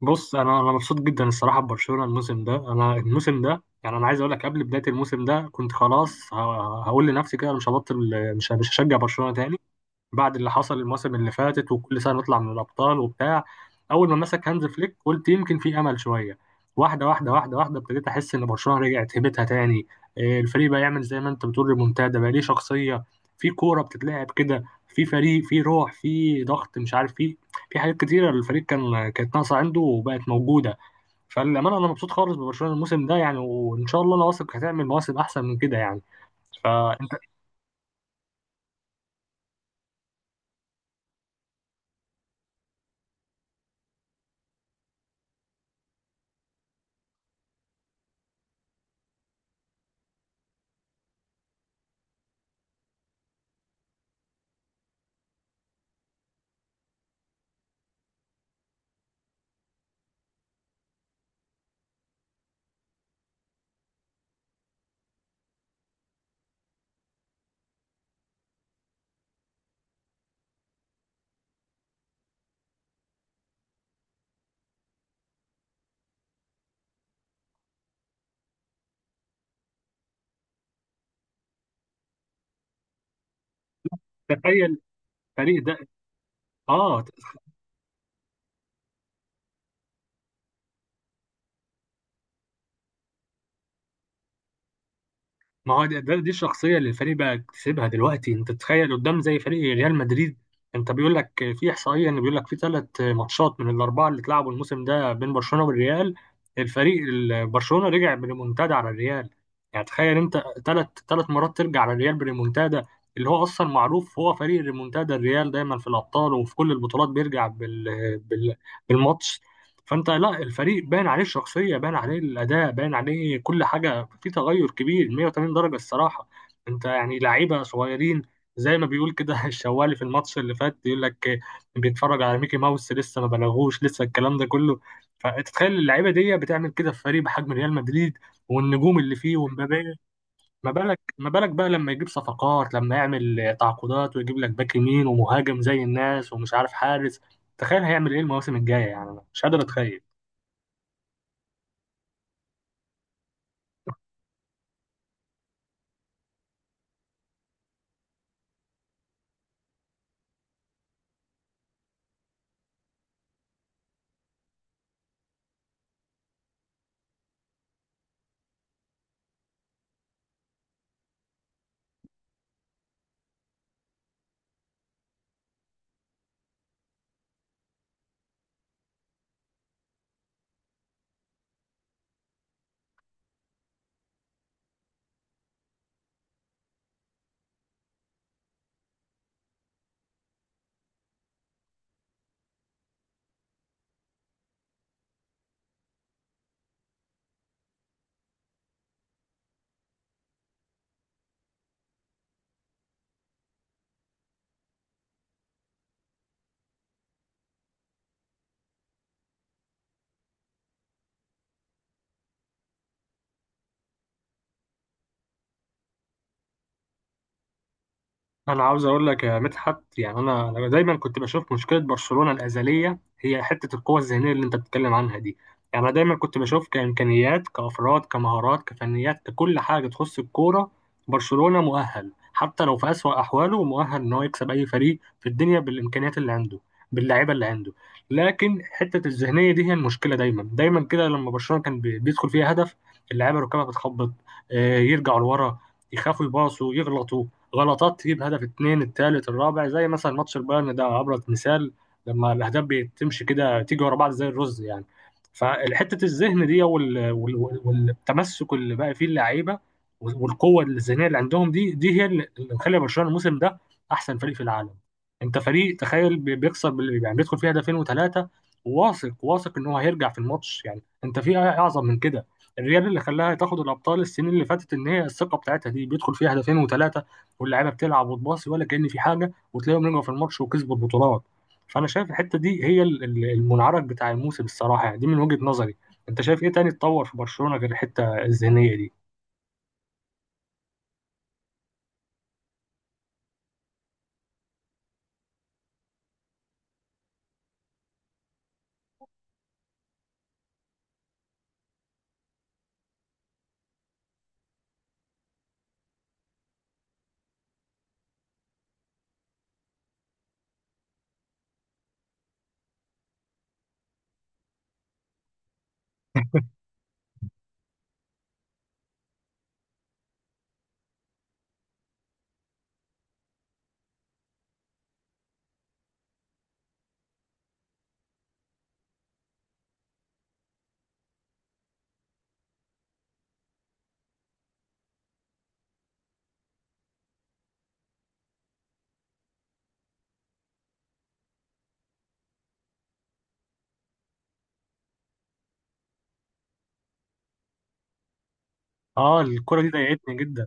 بص انا مبسوط جدا الصراحه ببرشلونه الموسم ده يعني انا عايز اقول لك قبل بدايه الموسم ده كنت خلاص هقول لنفسي كده أنا مش هبطل مش هشجع برشلونه تاني. بعد اللي حصل الموسم اللي فاتت وكل سنه نطلع من الابطال وبتاع. اول ما مسك هانز فليك قلت يمكن في امل شويه. واحده واحده واحده واحده ابتديت احس ان برشلونه رجعت هيبتها تاني. إيه، الفريق بقى يعمل زي ما انت بتقول ريمونتادا، بقى ليه شخصيه، في كوره بتتلعب كده، في فريق، في روح، في ضغط مش عارف. في في حاجات كتيره الفريق كانت ناقصه عنده وبقت موجوده. فالامانه انا مبسوط خالص ببرشلونه الموسم ده يعني، وان شاء الله انا واثق هتعمل مواسم احسن من كده يعني. فانت تخيل الفريق ده. اه. ما هو دي الشخصية اللي الفريق بقى اكتسبها دلوقتي. انت تتخيل قدام زي فريق ريال مدريد. انت بيقول لك في احصائية ان بيقول لك في ثلاث ماتشات من الاربعة اللي اتلعبوا الموسم ده بين برشلونة والريال، برشلونة رجع بريمونتادا على الريال. يعني تخيل انت ثلاث مرات ترجع على الريال بريمونتادا، اللي هو اصلا معروف هو فريق ريمونتادا الريال، دايما في الابطال وفي كل البطولات بيرجع بالماتش. فانت لا، الفريق باين عليه الشخصيه، باين عليه الاداء، باين عليه كل حاجه، في تغير كبير 180 درجه الصراحه. انت يعني لعيبه صغيرين، زي ما بيقول كده الشوالي في الماتش اللي فات، يقول لك بيتفرج على ميكي ماوس، لسه ما بلغوش، لسه الكلام ده كله. فتتخيل اللعيبه دي بتعمل كده في فريق بحجم ريال مدريد والنجوم اللي فيه ومبابي. ما بالك ما بالك بقى لما يجيب صفقات، لما يعمل تعاقدات ويجيب لك باك يمين ومهاجم زي الناس ومش عارف حارس. تخيل هيعمل ايه المواسم الجايه يعني، أنا مش قادر اتخيل. انا عاوز اقول لك يا مدحت يعني انا دايما كنت بشوف مشكله برشلونه الازليه هي حته القوه الذهنيه اللي انت بتتكلم عنها دي. يعني انا دايما كنت بشوف كامكانيات، كافراد، كمهارات، كفنيات، ككل حاجه تخص الكوره. برشلونه مؤهل حتى لو في اسوأ احواله، مؤهل ان هو يكسب اي فريق في الدنيا بالامكانيات اللي عنده، باللعيبه اللي عنده. لكن حته الذهنيه دي هي المشكله دايما. دايما كده لما برشلونه كان بيدخل فيها هدف اللعيبه ركبها بتخبط، آه، يرجعوا لورا، يخافوا يباصوا، يغلطوا غلطات تجيب هدف اتنين التالت الرابع، زي مثلا ماتش البايرن ده ابرز مثال. لما الاهداف بتمشي كده تيجي ورا بعض زي الرز يعني. فحته الذهن دي والتمسك اللي بقى فيه اللعيبه والقوه الذهنيه اللي عندهم دي، دي هي اللي مخلي برشلونه الموسم ده احسن فريق في العالم. انت فريق تخيل بيخسر يعني بيدخل فيه هدفين وثلاثه، واثق واثق ان هو هيرجع في الماتش. يعني انت في اعظم من كده؟ الريال اللي خلاها تاخد الابطال السنين اللي فاتت ان هي الثقه بتاعتها دي، بيدخل فيها هدفين وثلاثه واللعيبه بتلعب وتباصي ولا كأن في حاجه، وتلاقيهم رجعوا في الماتش وكسبوا البطولات. فانا شايف الحته دي هي المنعرج بتاع الموسم الصراحه يعني، دي من وجهه نظري. انت شايف ايه تاني اتطور في برشلونه غير الحته الذهنيه دي؟ اه الكره دي ضايقتني جدا.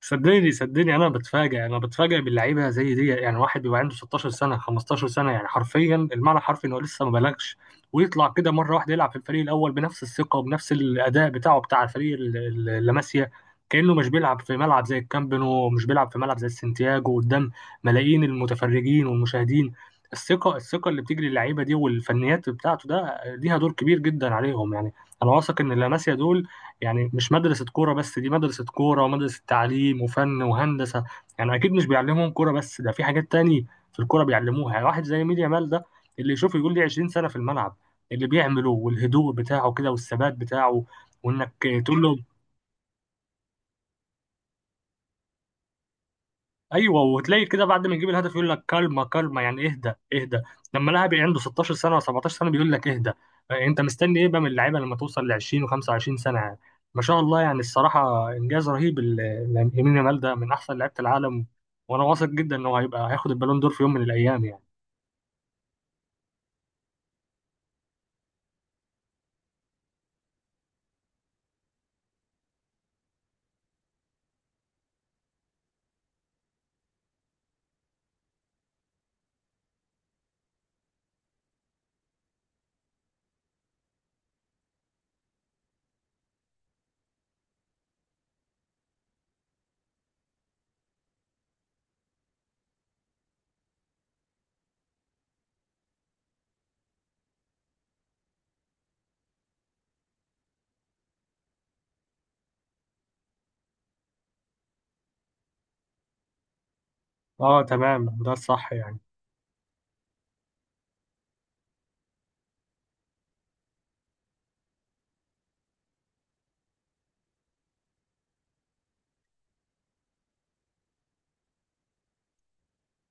صدقني صدقني انا بتفاجئ، انا بتفاجئ باللعيبه زي دي. يعني واحد بيبقى عنده 16 سنه 15 سنه، يعني حرفيا، المعنى حرفي انه لسه ما بلغش، ويطلع كده مره واحده يلعب في الفريق الاول بنفس الثقه وبنفس الاداء بتاعه بتاع الفريق اللي ماشيه. كانه مش بيلعب في ملعب زي الكامب نو، ومش بيلعب في ملعب زي السنتياجو قدام ملايين المتفرجين والمشاهدين. الثقه، الثقه اللي بتجري اللعيبه دي والفنيات بتاعته، ده ليها دور كبير جدا عليهم يعني. انا واثق ان اللاماسيا دول يعني مش مدرسة كورة بس، دي مدرسة كورة ومدرسة تعليم وفن وهندسة. يعني أكيد مش بيعلمهم كورة بس، ده في حاجات تاني في الكورة بيعلموها. يعني واحد زي ميديا مال ده، اللي يشوف يقول لي 20 سنة في الملعب اللي بيعمله، والهدوء بتاعه كده والثبات بتاعه، وإنك تقول له ايوه، وتلاقي كده بعد ما يجيب الهدف يقول لك كلمه كلمه، يعني اهدى اهدى. لما لاعب عنده 16 سنه و 17 سنه بيقول لك اهدى، آه، انت مستني ايه بقى من اللعيبه لما توصل ل 20 و25 سنه يعني؟ ما شاء الله، يعني الصراحه انجاز رهيب يمين يامال ده من احسن لعيبه العالم، وانا واثق جدا انه هيبقى هياخد البالون دور في يوم من الايام يعني. اه تمام ده الصح يعني.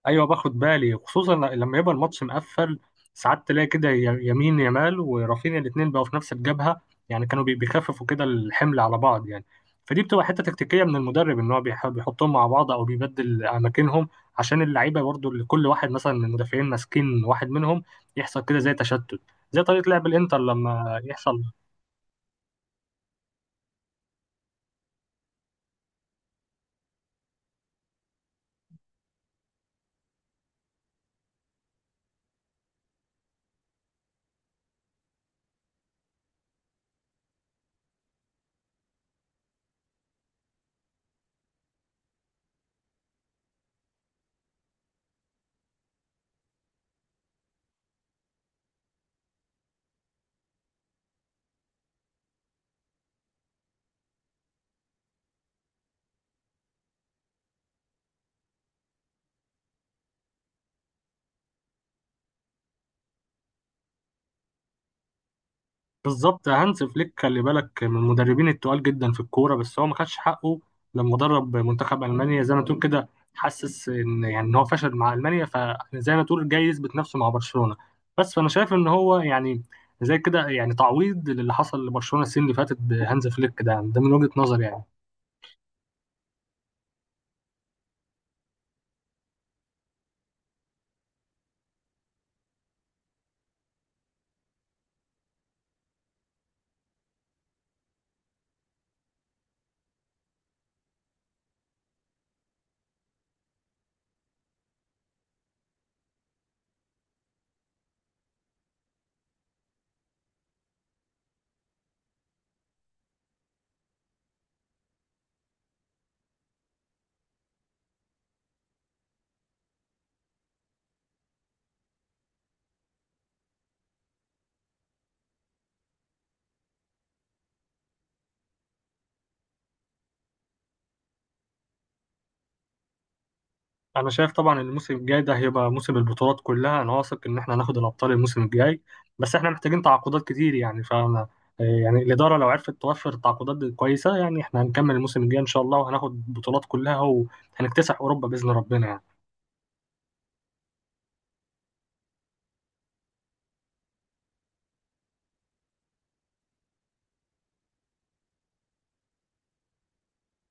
ايوه باخد بالي، خصوصا لما يبقى الماتش مقفل ساعات تلاقي كده يمين يمال ورافينيا الاثنين بقوا في نفس الجبهه، يعني كانوا بيخففوا كده الحمل على بعض يعني. فدي بتبقى حته تكتيكيه من المدرب، ان هو بيحطهم مع بعض او بيبدل اماكنهم عشان اللعيبه برضو، اللي كل واحد مثلا من المدافعين ماسكين واحد منهم، يحصل كده زي تشتت، زي طريقه لعب الانتر لما يحصل. بالظبط، هانز فليك خلي بالك من المدربين التقال جدا في الكوره، بس هو ما خدش حقه لما درب منتخب المانيا. زي ما تقول كده، حسس ان يعني ان هو فشل مع المانيا، فزي ما تقول جاي يثبت نفسه مع برشلونه. بس فانا شايف ان هو يعني زي كده يعني تعويض للي حصل لبرشلونه السنه اللي فاتت بهانز فليك ده، يعني ده من وجهه نظري يعني. انا شايف طبعا الموسم الجاي ده هيبقى موسم البطولات كلها، انا واثق ان احنا هناخد الابطال الموسم الجاي، بس احنا محتاجين تعاقدات كتير يعني. فانا يعني الاداره لو عرفت توفر تعاقدات كويسه، يعني احنا هنكمل الموسم الجاي ان شاء الله وهناخد البطولات كلها وهنكتسح اوروبا باذن ربنا يعني.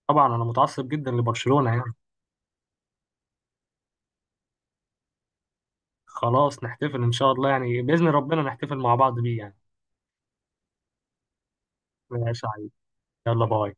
طبعا انا متعصب جدا لبرشلونه يعني. خلاص نحتفل ان شاء الله يعني، باذن ربنا نحتفل مع بعض بيه يعني. ماشي يا علي. يلا باي.